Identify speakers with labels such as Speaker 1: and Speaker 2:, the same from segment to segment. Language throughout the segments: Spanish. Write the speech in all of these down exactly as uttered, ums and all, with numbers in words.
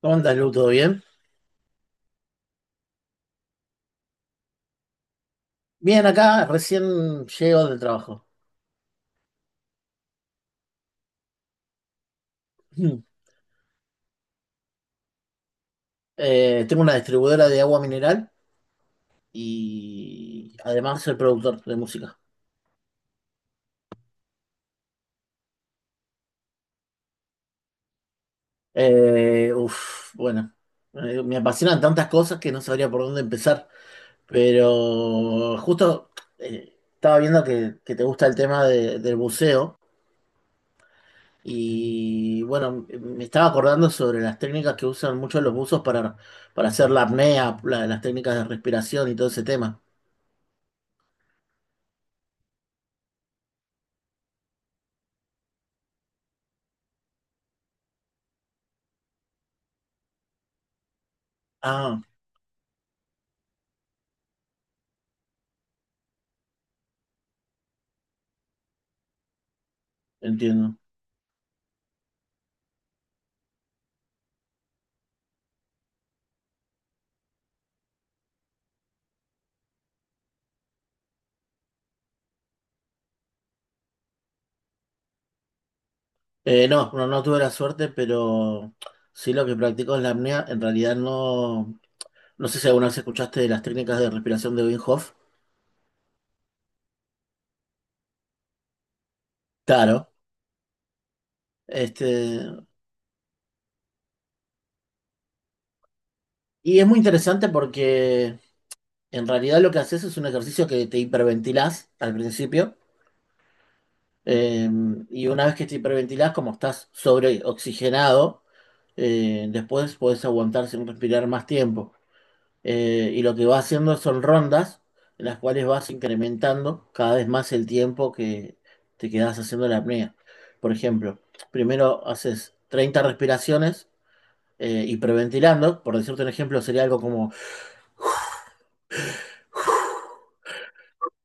Speaker 1: ¿Cómo andas, Lu? ¿Todo bien? Bien, acá recién llego del trabajo. Eh, tengo una distribuidora de agua mineral y además soy productor de música. Eh, uf, bueno, eh, me apasionan tantas cosas que no sabría por dónde empezar, pero justo eh, estaba viendo que, que te gusta el tema de- del buceo y bueno, me estaba acordando sobre las técnicas que usan muchos los buzos para, para hacer la apnea, la- las técnicas de respiración y todo ese tema. Ah, entiendo. Eh, no, no, no tuve la suerte, pero sí lo que practico es la apnea. En realidad no, no sé si alguna vez escuchaste de las técnicas de respiración de Wim Hof. Claro. Este, y es muy interesante porque en realidad lo que haces es un ejercicio que te hiperventilás al principio. eh, y una vez que te hiperventilás, como estás sobreoxigenado, eh, después podés aguantar sin respirar más tiempo. Eh, y lo que va haciendo son rondas en las cuales vas incrementando cada vez más el tiempo que te quedas haciendo la apnea. Por ejemplo, primero haces treinta respiraciones eh, hiperventilando, por decirte un ejemplo, sería algo como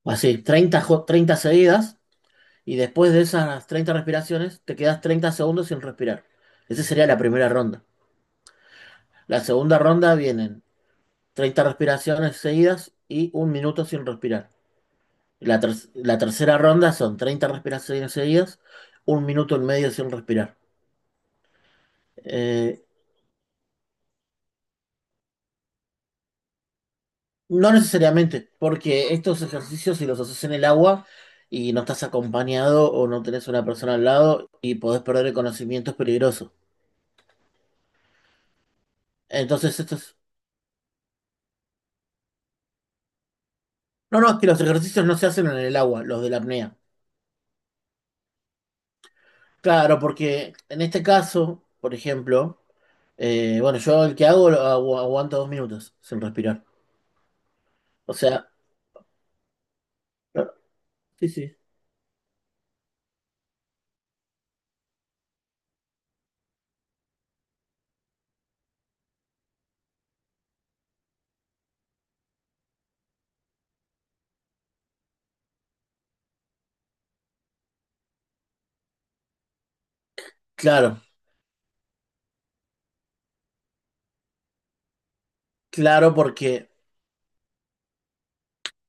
Speaker 1: así, treinta, jo- treinta seguidas, y después de esas treinta respiraciones te quedas treinta segundos sin respirar. Esa sería la primera ronda. La segunda ronda vienen treinta respiraciones seguidas y un minuto sin respirar. La, ter- la tercera ronda son treinta respiraciones seguidas, un minuto en medio sin respirar. Eh, no necesariamente, porque estos ejercicios si los haces en el agua y no estás acompañado o no tenés una persona al lado y podés perder el conocimiento es peligroso. Entonces estos. No, no, es que los ejercicios no se hacen en el agua, los de la apnea. Claro, porque en este caso, por ejemplo, eh, bueno, yo el que hago lo agu- aguanto dos minutos sin respirar. O sea, sí, sí. Claro, claro, porque,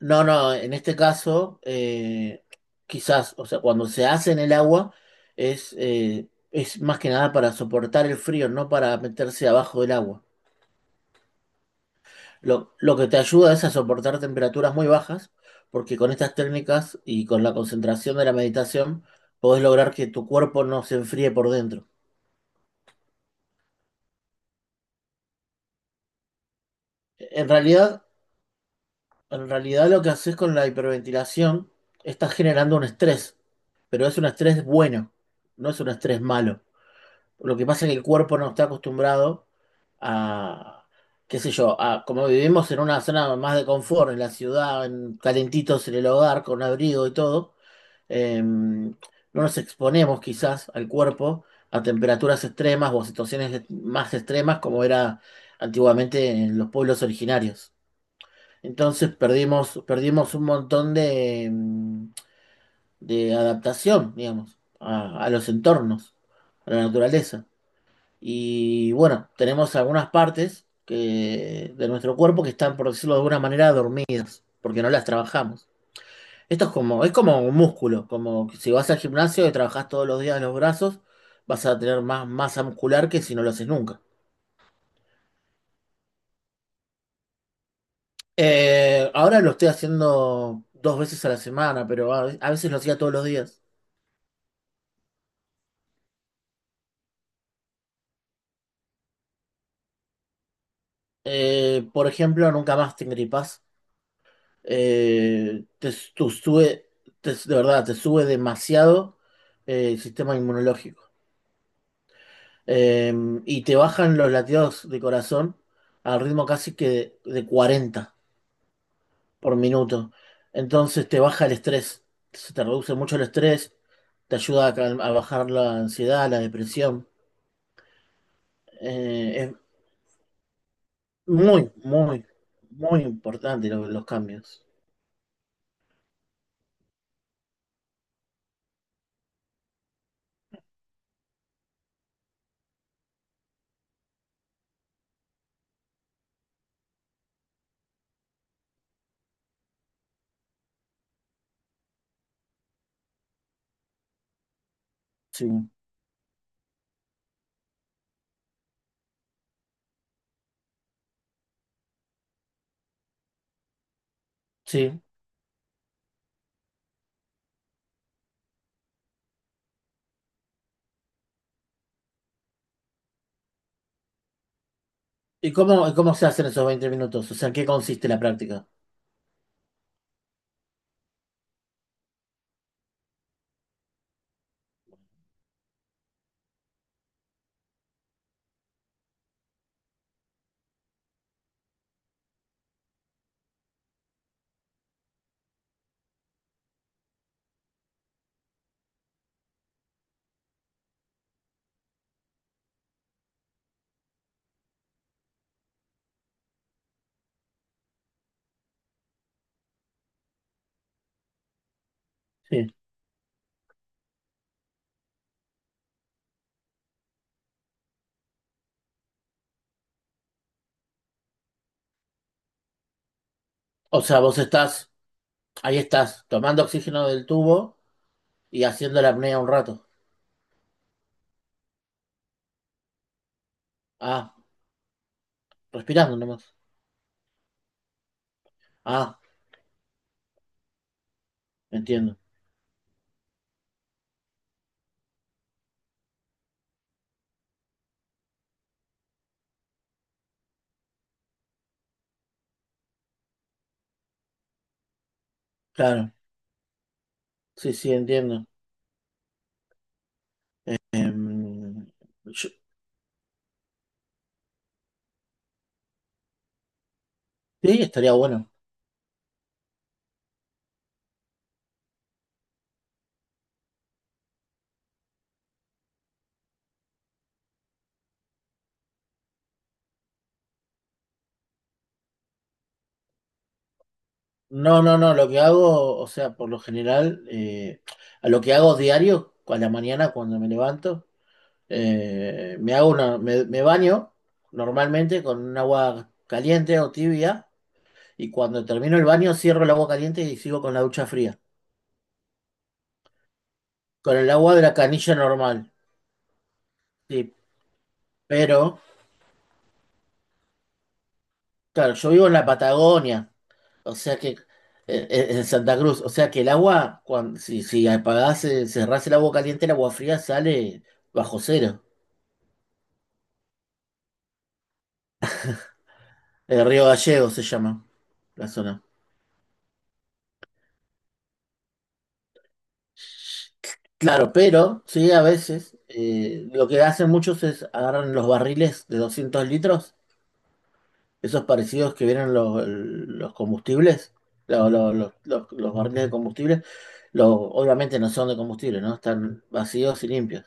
Speaker 1: no, no, en este caso, eh, quizás, o sea, cuando se hace en el agua, es, eh, es más que nada para soportar el frío, no para meterse abajo del agua. Lo, lo que te ayuda es a soportar temperaturas muy bajas, porque con estas técnicas y con la concentración de la meditación, podés lograr que tu cuerpo no se enfríe por dentro. En realidad, en realidad lo que haces con la hiperventilación, estás generando un estrés, pero es un estrés bueno, no es un estrés malo. Lo que pasa es que el cuerpo no está acostumbrado a, qué sé yo, a, como vivimos en una zona más de confort, en la ciudad, en- calentitos en el hogar, con abrigo y todo, eh, no nos exponemos quizás al cuerpo a temperaturas extremas o a situaciones más extremas como era antiguamente en los pueblos originarios. Entonces perdimos, perdimos un montón de, mm, de adaptación, digamos, a a los entornos, a la naturaleza. Y bueno, tenemos algunas partes que, de nuestro cuerpo que están, por decirlo de alguna manera, dormidas, porque no las trabajamos. Esto es como, es como un músculo, como si vas al gimnasio y trabajas todos los días los brazos, vas a tener más masa muscular que si no lo haces nunca. Eh, ahora lo estoy haciendo dos veces a la semana, pero a, a veces lo hacía todos los días. Eh, por ejemplo, nunca más te gripás. Eh, te, tú sube, te- De verdad, te sube demasiado eh, el sistema inmunológico. Eh, y te bajan los latidos de corazón al ritmo casi que de, de cuarenta por minuto. Entonces te baja el estrés, se te reduce mucho el estrés, te ayuda a, cal- a bajar la ansiedad, la depresión. Eh, es muy, muy, muy importante lo- los cambios. Sí, sí. ¿Y cómo, cómo se hacen esos veinte minutos? O sea, ¿en qué consiste la práctica? Sí. O sea, vos estás, ahí estás, tomando oxígeno del tubo y haciendo la apnea un rato. Ah, respirando nomás. Ah, entiendo. Claro, sí, sí, entiendo. Em, yo- sí, estaría bueno. No, no, no, lo que hago, o sea, por lo general, eh, a lo que hago diario, a la mañana cuando me levanto, eh, me hago una, me, me baño normalmente con un agua caliente o tibia y cuando termino el baño cierro el agua caliente y sigo con la ducha fría. Con el agua de la canilla normal. Sí, pero, claro, yo vivo en la Patagonia, o sea que, eh, eh, en Santa Cruz, o sea que el agua, cuando, si, si apagás, eh, cerrás el agua caliente, el agua fría sale bajo cero. El río Gallego se llama la zona. Claro, pero sí, a veces eh, lo que hacen muchos es agarran los barriles de doscientos litros esos parecidos que vieron los, los combustibles, los, los, los- los- los barriles de combustible, los, obviamente no son de combustible, ¿no? Están vacíos y limpios.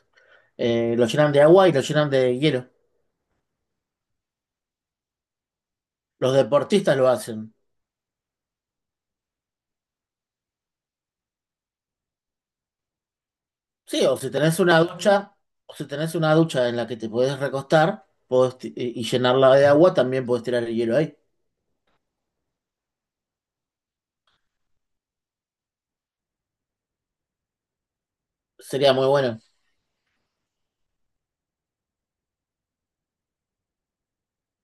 Speaker 1: Eh, los llenan de agua y los llenan de hielo. Los deportistas lo hacen. Sí, o si tenés una ducha, o si tenés una ducha en la que te podés recostar podés ti- y y llenarla de agua, también podés tirar el hielo ahí. Sería muy bueno.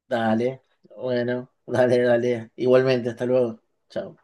Speaker 1: Dale, bueno, dale, dale. Igualmente, hasta luego. Chao.